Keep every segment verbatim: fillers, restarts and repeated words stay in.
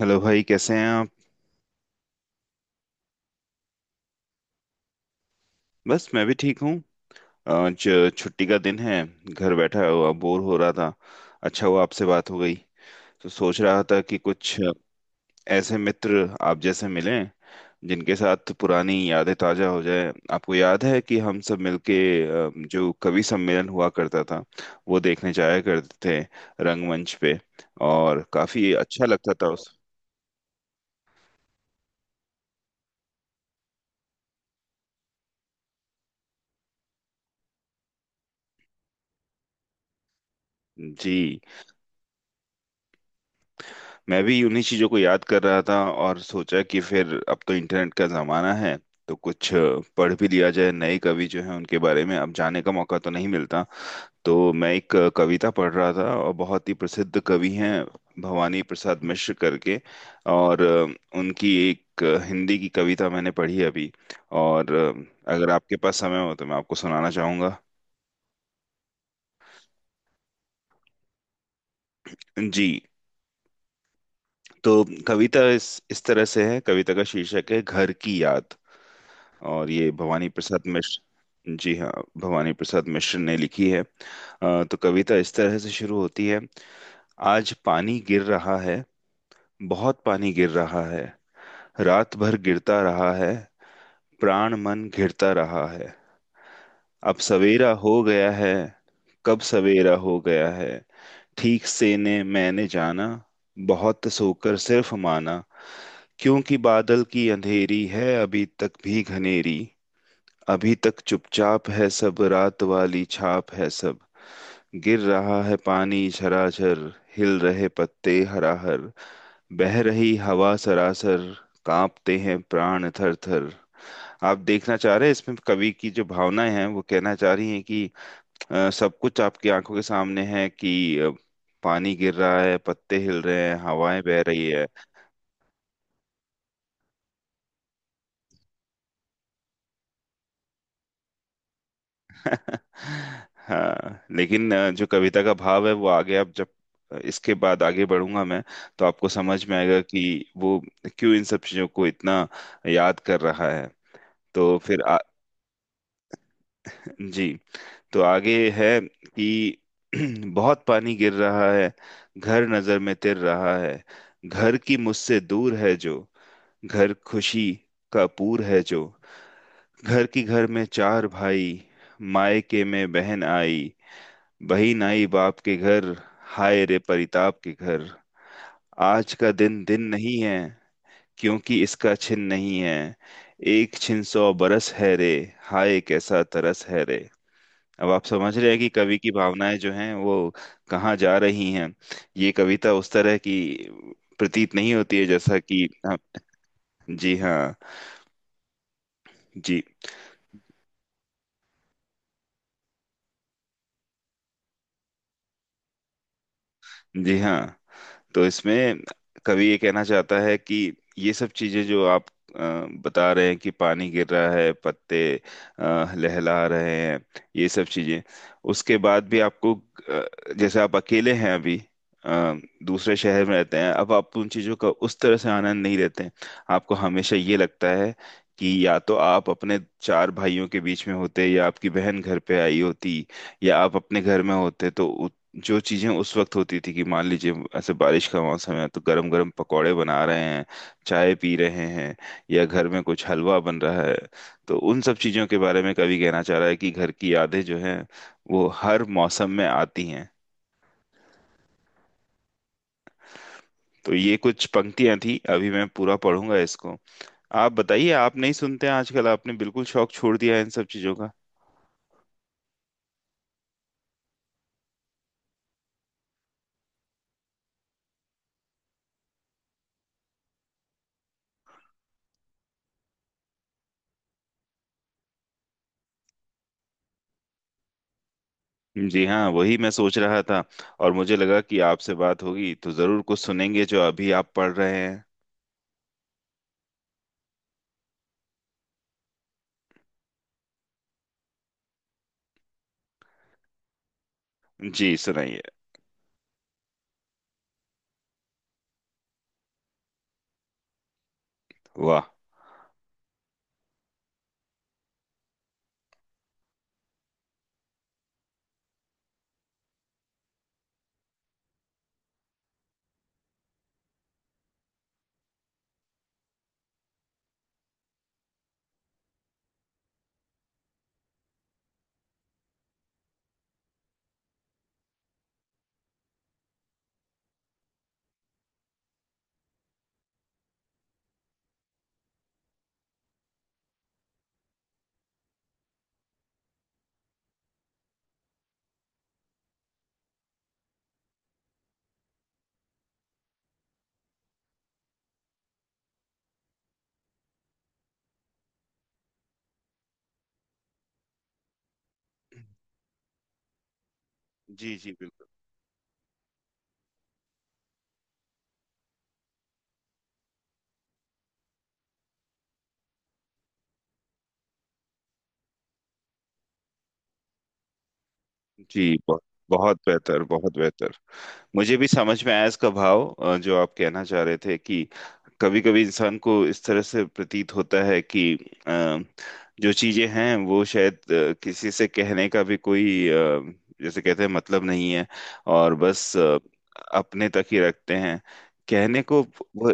Hello भाई, कैसे हैं आप? बस मैं भी ठीक हूँ। आज छुट्टी का दिन है। घर बैठा हुआ बोर हो रहा था। अच्छा हुआ आपसे बात हो गई। तो सोच रहा था कि कुछ ऐसे मित्र आप जैसे मिले जिनके साथ पुरानी यादें ताजा हो जाए। आपको याद है कि हम सब मिलके अ, जो कवि सम्मेलन हुआ करता था, वो देखने जाया करते थे रंगमंच पे। और काफी अच्छा लगता था उस। जी। मैं भी उन्हीं चीज़ों को याद कर रहा था, और सोचा कि फिर अब तो इंटरनेट का ज़माना है। तो कुछ अ, पढ़ भी लिया जाए, नए कवि जो हैं उनके बारे में, अब जाने का मौका तो नहीं मिलता। तो मैं एक अ, कविता पढ़ रहा था, और बहुत ही प्रसिद्ध कवि हैं, भवानी प्रसाद मिश्र करके। और अ, उनकी एक अ, हिंदी की कविता मैंने पढ़ी अभी। और अ, अगर आपके पास समय हो तो मैं आपको सुनाना चाहूँगा। जी। तो कविता इस इस तरह से है। कविता का शीर्षक है घर की याद। और ये भवानी प्रसाद मिश्र जी, हाँ। भवानी प्रसाद मिश्र ने लिखी है। अ, तो कविता इस तरह से शुरू होती है। आज पानी गिर रहा है। बहुत पानी गिर रहा है। रात भर गिरता रहा है। प्राण मन घिरता रहा है। अब सवेरा हो गया है। कब सवेरा हो गया है, ठीक से ने मैंने जाना। बहुत सोकर सिर्फ माना। क्योंकि बादल की अंधेरी है, अभी तक भी घनेरी। अभी तक चुपचाप है सब, रात वाली छाप है सब। गिर रहा है पानी झराझर, हिल रहे पत्ते हराहर, बह रही हवा सरासर, कांपते हैं प्राण थर थर। आप देखना चाह रहे हैं, इसमें कवि की जो भावनाएं हैं वो कहना चाह रही हैं कि अ, सब कुछ आपकी आंखों के सामने है, कि अ, पानी गिर रहा है, पत्ते हिल रहे हैं, हवाएं बह रही है। हाँ, लेकिन अ, जो कविता का भाव है वो आगे, आप जब इसके बाद आगे बढ़ूंगा मैं, तो आपको समझ में आएगा कि वो क्यों इन सब चीजों को इतना याद कर रहा है। तो फिर आ, जी। तो आगे है कि बहुत पानी गिर रहा है। घर नजर में तिर रहा है। घर की मुझसे दूर है जो, घर खुशी का पूर है जो। घर की घर में चार भाई, मायके में बहन आई। बही नाई बाप के घर, हाय रे परिताप के घर। आज का दिन दिन नहीं है, क्योंकि इसका छिन नहीं है। एक छिन सौ बरस है रे, हाय कैसा तरस है रे। अब आप समझ रहे हैं कि कवि की भावनाएं जो हैं, वो कहाँ जा रही हैं। ये कविता उस तरह की प्रतीत नहीं होती है जैसा कि, हाँ, जी हाँ। जी। जी हाँ। तो इसमें कवि ये कहना चाहता है कि ये सब चीजें जो आप अ, बता रहे हैं कि पानी गिर रहा है, पत्ते अ, लहला रहे हैं, ये सब चीजें, उसके बाद भी आपको अ, जैसे आप अकेले हैं अभी, अ, दूसरे शहर में रहते हैं, अब आप उन चीजों का उस तरह से आनंद नहीं लेते हैं। आपको हमेशा ये लगता है कि या तो आप अपने चार भाइयों के बीच में होते, या आपकी बहन घर पे आई होती, या आप अपने घर में होते। तो जो चीजें उस वक्त होती थी, कि मान लीजिए ऐसे बारिश का मौसम है तो गरम गरम पकौड़े बना रहे हैं, चाय पी रहे हैं, या घर में कुछ हलवा बन रहा है। तो उन सब चीजों के बारे में कवि कहना चाह रहा है कि घर की यादें जो हैं, वो हर मौसम में आती हैं। तो ये कुछ पंक्तियां थी, अभी मैं पूरा पढ़ूंगा इसको। आप बताइए, आप नहीं सुनते हैं आजकल? आपने बिल्कुल शौक छोड़ दिया है इन सब चीजों का? जी हाँ, वही मैं सोच रहा था। और मुझे लगा कि आपसे बात होगी तो जरूर कुछ सुनेंगे जो अभी आप पढ़ रहे हैं। जी, सुनाइए। वाह। जी जी, बिल्कुल। जी जी, बहुत बहुत बेहतर, बहुत बेहतर। मुझे भी समझ में आया इसका भाव, अ, जो आप कहना चाह रहे थे कि कभी कभी इंसान को इस तरह से प्रतीत होता है कि अ, जो चीजें हैं वो शायद अ, किसी से कहने का भी कोई, अ, जैसे कहते हैं, मतलब नहीं है। और बस अ, अपने तक ही रखते हैं, कहने को वो।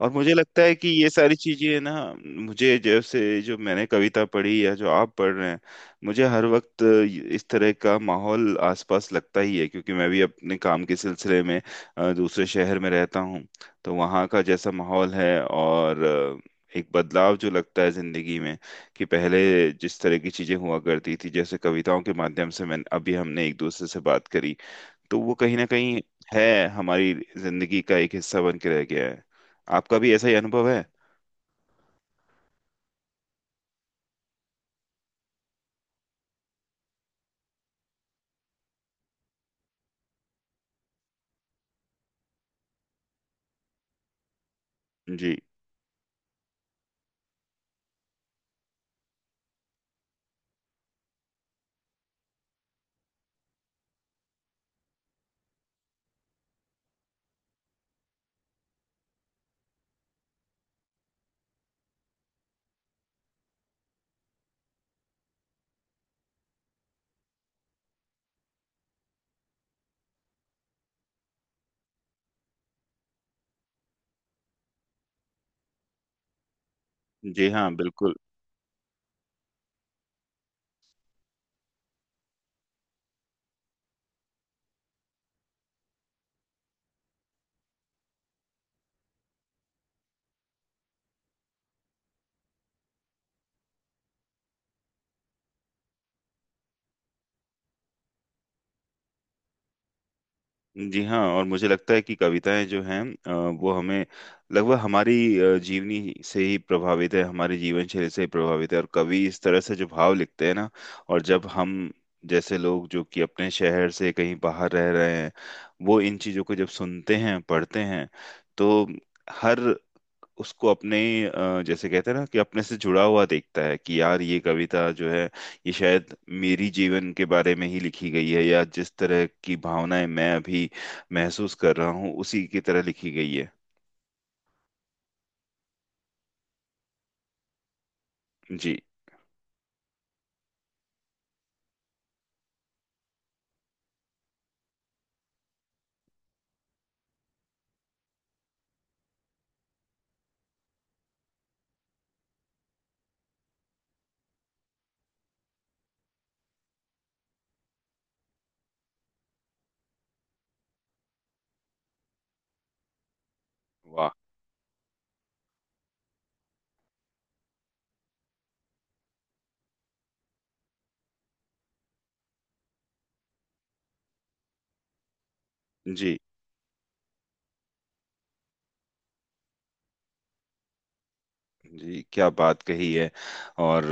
और मुझे लगता है कि ये सारी चीजें ना, मुझे, जैसे जो मैंने कविता पढ़ी या जो आप पढ़ रहे हैं, मुझे हर वक्त इस तरह का माहौल आसपास लगता ही है, क्योंकि मैं भी अपने काम के सिलसिले में अ, दूसरे शहर में रहता हूँ। तो वहाँ का जैसा माहौल है, और अ, एक बदलाव जो लगता है जिंदगी में, कि पहले जिस तरह की चीजें हुआ करती थी, जैसे कविताओं के माध्यम से मैं अभी हमने एक दूसरे से बात करी, तो वो कहीं ना कहीं है हमारी जिंदगी का एक हिस्सा बन के रह गया है। आपका भी ऐसा ही अनुभव है? जी। जी हाँ, बिल्कुल। जी हाँ, और मुझे लगता है कि कविताएं जो हैं अ, वो हमें, लगभग हमारी अ, जीवनी से ही प्रभावित है, हमारी जीवन शैली से ही प्रभावित है, और कवि इस तरह से जो भाव लिखते हैं ना। और जब हम जैसे लोग जो कि अपने शहर से कहीं बाहर रह रहे हैं, वो इन चीज़ों को जब सुनते हैं, पढ़ते हैं, तो हर, उसको अपने, अ, जैसे कहते हैं ना, कि अपने से जुड़ा हुआ देखता है कि यार ये कविता जो है, ये शायद मेरी जीवन के बारे में ही लिखी गई है, या जिस तरह की भावनाएं मैं अभी महसूस कर रहा हूँ, उसी की तरह लिखी गई है। जी। वाह। जी जी, क्या बात कही है! और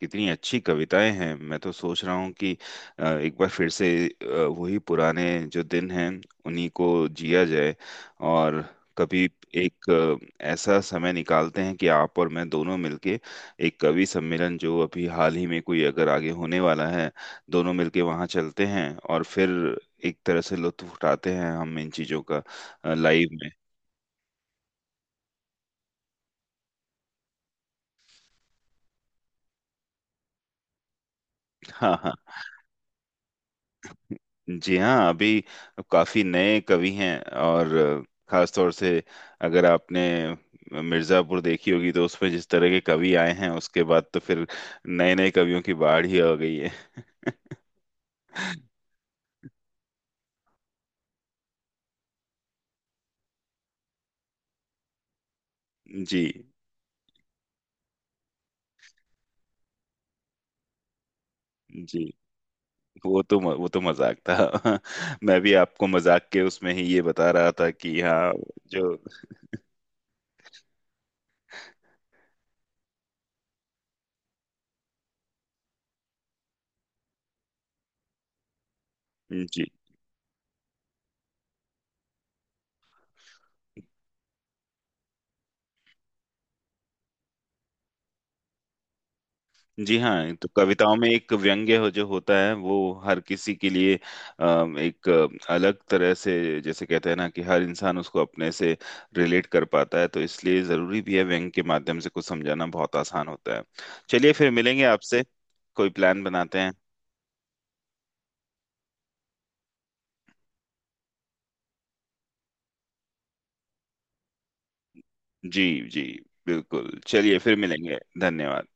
कितनी अच्छी कविताएं हैं। मैं तो सोच रहा हूँ कि अ, एक बार फिर से अ, वही पुराने जो दिन हैं, उन्हीं को जिया जाए। और कभी एक अ, ऐसा समय निकालते हैं कि आप और मैं दोनों मिलके एक कवि सम्मेलन जो अभी हाल ही में कोई अगर आगे होने वाला है, दोनों मिलके वहाँ चलते हैं, और फिर एक तरह से लुत्फ उठाते हैं हम इन चीजों का, लाइव में। जी हाँ, अभी काफी नए कवि हैं। और खास तौर से, अगर आपने मिर्जापुर देखी होगी तो उसमें जिस तरह के कवि आए हैं, उसके बाद तो फिर नए नए कवियों की बाढ़ ही आ गई है। जी जी, वो तो वो तो मजाक था। मैं भी आपको मजाक के उसमें ही ये बता रहा था, कि हाँ जो। जी जी हाँ, तो कविताओं में एक व्यंग्य हो जो होता है वो हर किसी के लिए अम, एक अ, अलग तरह से, जैसे कहते हैं ना, कि हर इंसान उसको अपने से रिलेट कर पाता है, तो इसलिए जरूरी भी है, व्यंग के माध्यम से कुछ समझाना बहुत आसान होता है। चलिए, फिर मिलेंगे आपसे। कोई प्लान बनाते हैं। जी जी, बिल्कुल। चलिए फिर मिलेंगे। धन्यवाद।